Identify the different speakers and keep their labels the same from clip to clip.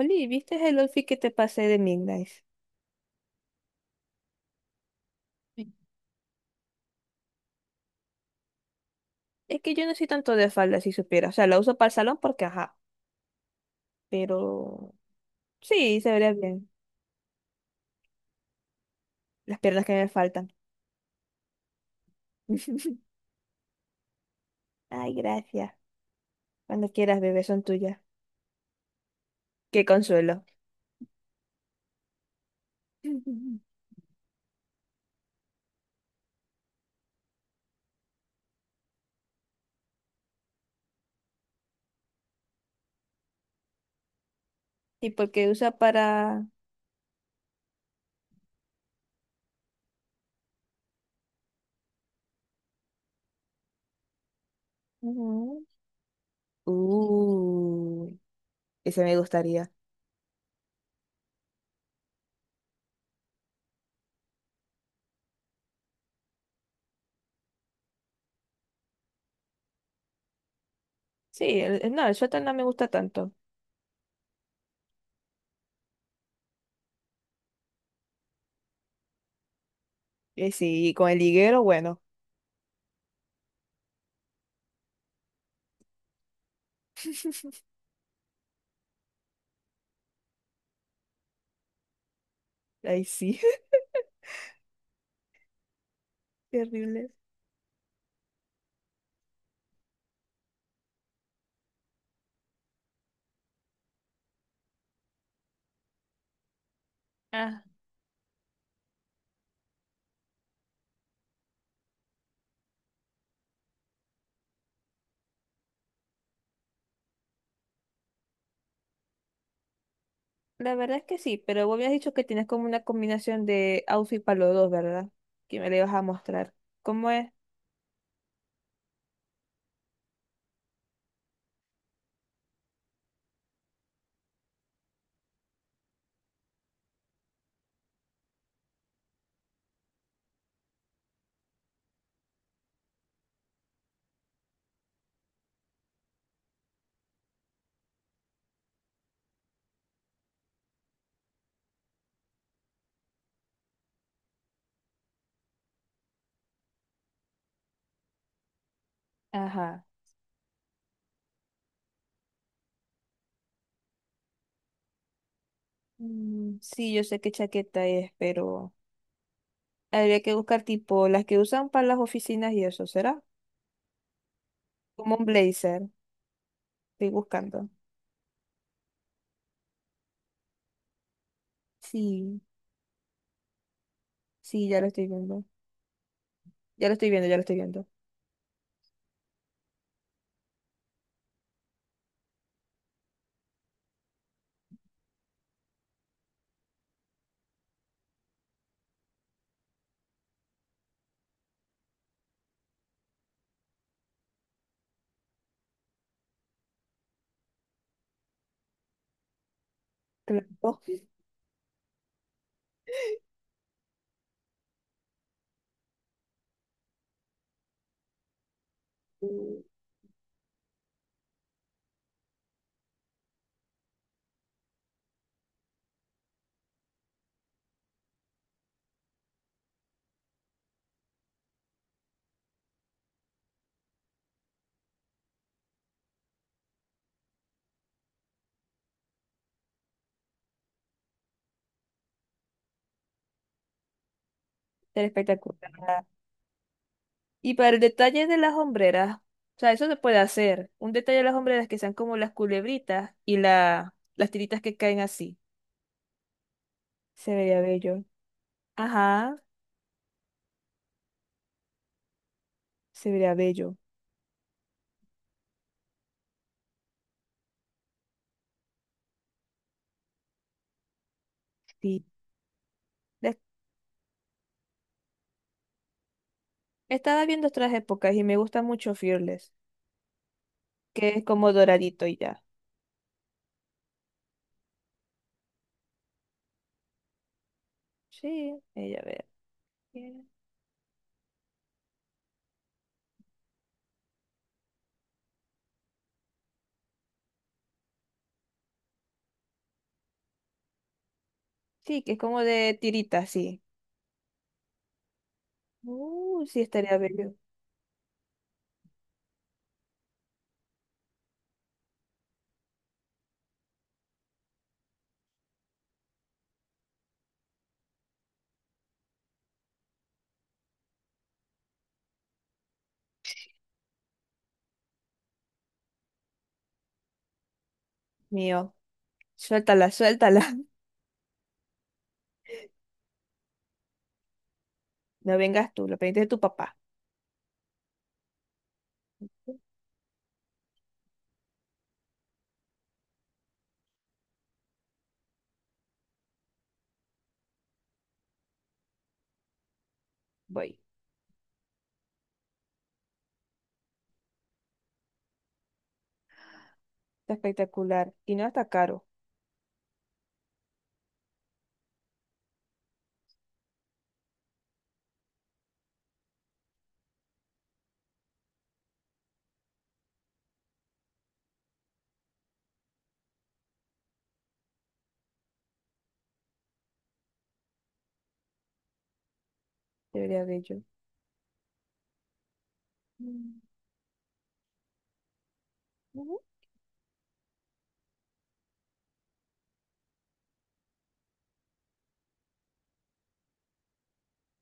Speaker 1: Oli, ¿viste el outfit que te pasé de Midnight? Sí. Es que yo no soy tanto de falda, si supiera. O sea, la uso para el salón porque, ajá. Pero sí, se vería bien. Las piernas que me faltan. Ay, gracias. Cuando quieras, bebé, son tuyas. Qué consuelo. Y porque usa para... Ujú. Uh, ese me gustaría. Sí, no, el suéter no me gusta tanto. Sí, y con el higuero, bueno. Ay, sí. Terrible. La verdad es que sí, pero vos habías dicho que tienes como una combinación de outfit para los dos, ¿verdad? Que me le vas a mostrar. ¿Cómo es? Ajá. Mm, sí, yo sé qué chaqueta es, pero habría que buscar tipo las que usan para las oficinas y eso, ¿será? Como un blazer. Estoy buscando. Sí, sí, ya lo estoy viendo. Ya lo estoy viendo, ya lo estoy viendo. Claro. Ser espectacular. Y para el detalle de las hombreras, o sea, eso se puede hacer. Un detalle de las hombreras que sean como las culebritas y las tiritas que caen así. Se vería bello. Ajá, se vería bello. Sí. Des- Estaba viendo otras épocas y me gusta mucho Fearless, que es como doradito y ya. Sí, ella ve. Bien. Sí, que es como de tirita, sí. Sí, estaría bello. Mío, suéltala, suéltala. No vengas tú, lo pediste de tu papá. Voy. Está espectacular. Y no está caro. Debería de yo. Mm, ujú.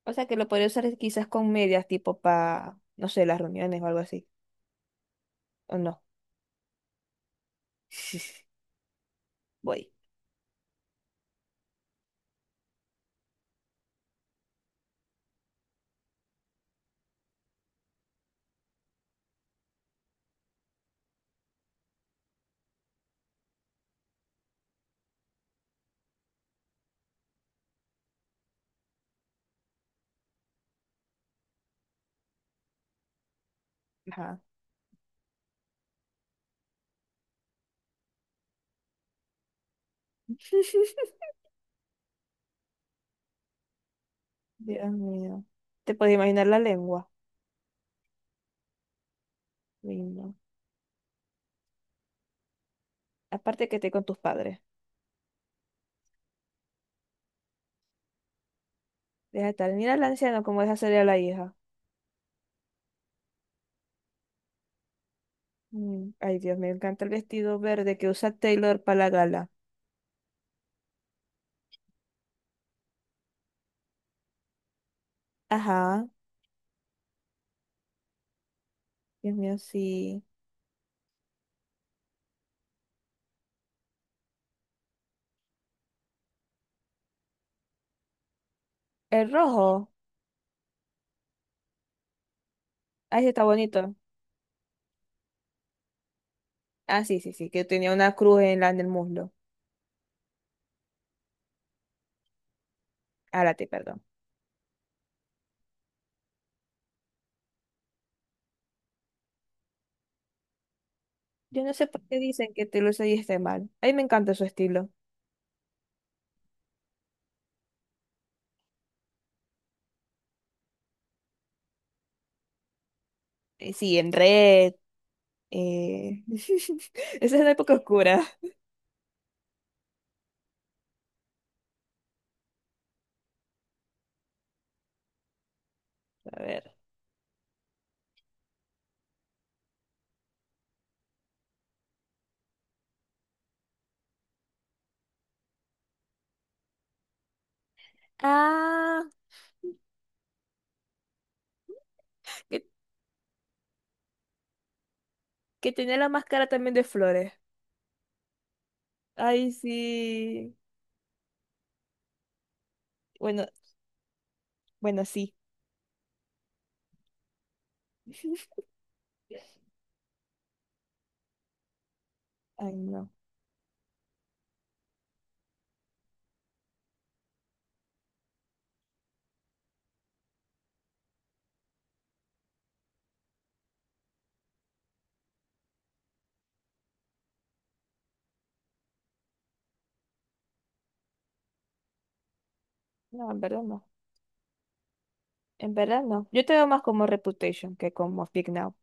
Speaker 1: O sea que lo podría usar quizás con medias tipo para, no sé, las reuniones o algo así. ¿O no? Voy. Ajá. Dios mío. ¿Te puedes imaginar la lengua? Uy, no. Aparte que esté con tus padres. Deja de estar. Mira al anciano cómo deja salir a la hija. Mm. Ay, Dios, me encanta el vestido verde que usa Taylor para la gala. Ajá. Dios mío, sí. El rojo. Ay, sí, está bonito. Ah, sí, sí, sí, que tenía una cruz en la, en el muslo. Álate, perdón. Yo no sé por qué dicen que Taylor Swift esté mal. A mí me encanta su estilo. Sí, en red. eh, Esa es la época oscura. A ver. Ah, que, que tenía la máscara también de flores. Ay, sí. Bueno, bueno, sí. Ay, no. No, en verdad no. En verdad no. Yo te veo más como Reputation que como Speak Now.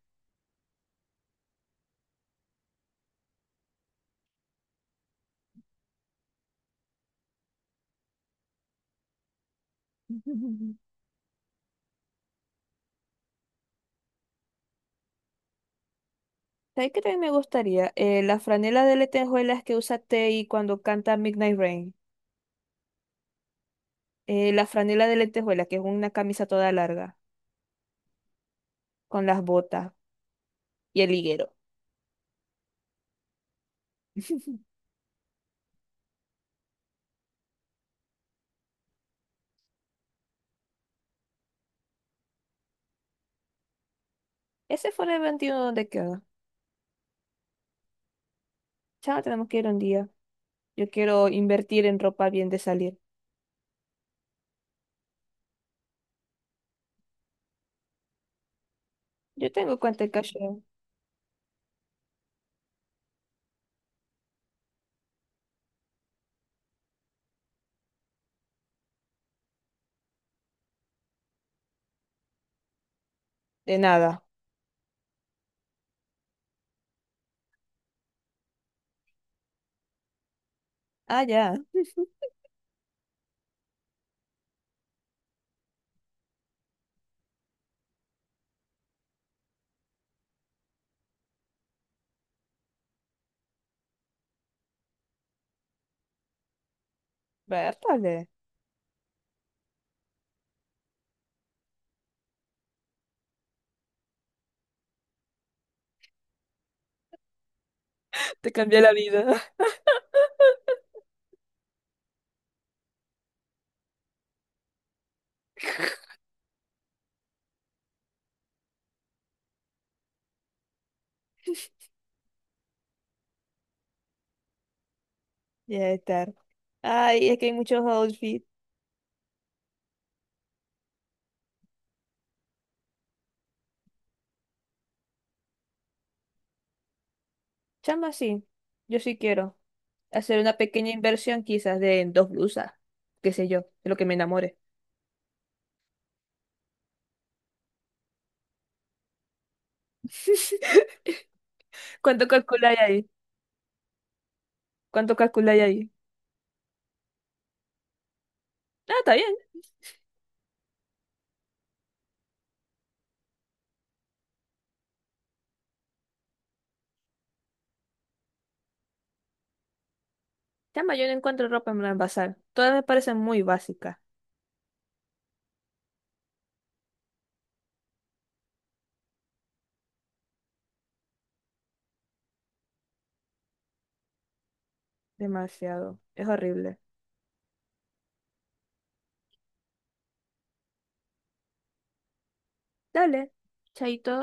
Speaker 1: ¿Sabes qué también me gustaría? La franela de lentejuelas que usa Tay cuando canta Midnight Rain. La franela de lentejuela, que es una camisa toda larga, con las botas y el higuero. Ese fue el evento donde quedó. Chao, tenemos que ir un día. Yo quiero invertir en ropa bien de salir. Yo tengo cuenta en cash. De nada. Ah, ya. Vértale. Te cambié la vida. Ya estar. Ay, es que hay muchos outfits. Chama, sí. Yo sí quiero hacer una pequeña inversión, quizás de en dos blusas. Qué sé yo, de lo que me enamore. ¿Cuánto calculáis ahí? ¿Cuánto calculáis ahí? Ah, está bien. Chama, yo no encuentro ropa en el bazar. Todas me parecen muy básicas. Demasiado. Es horrible. Dale. Chaito.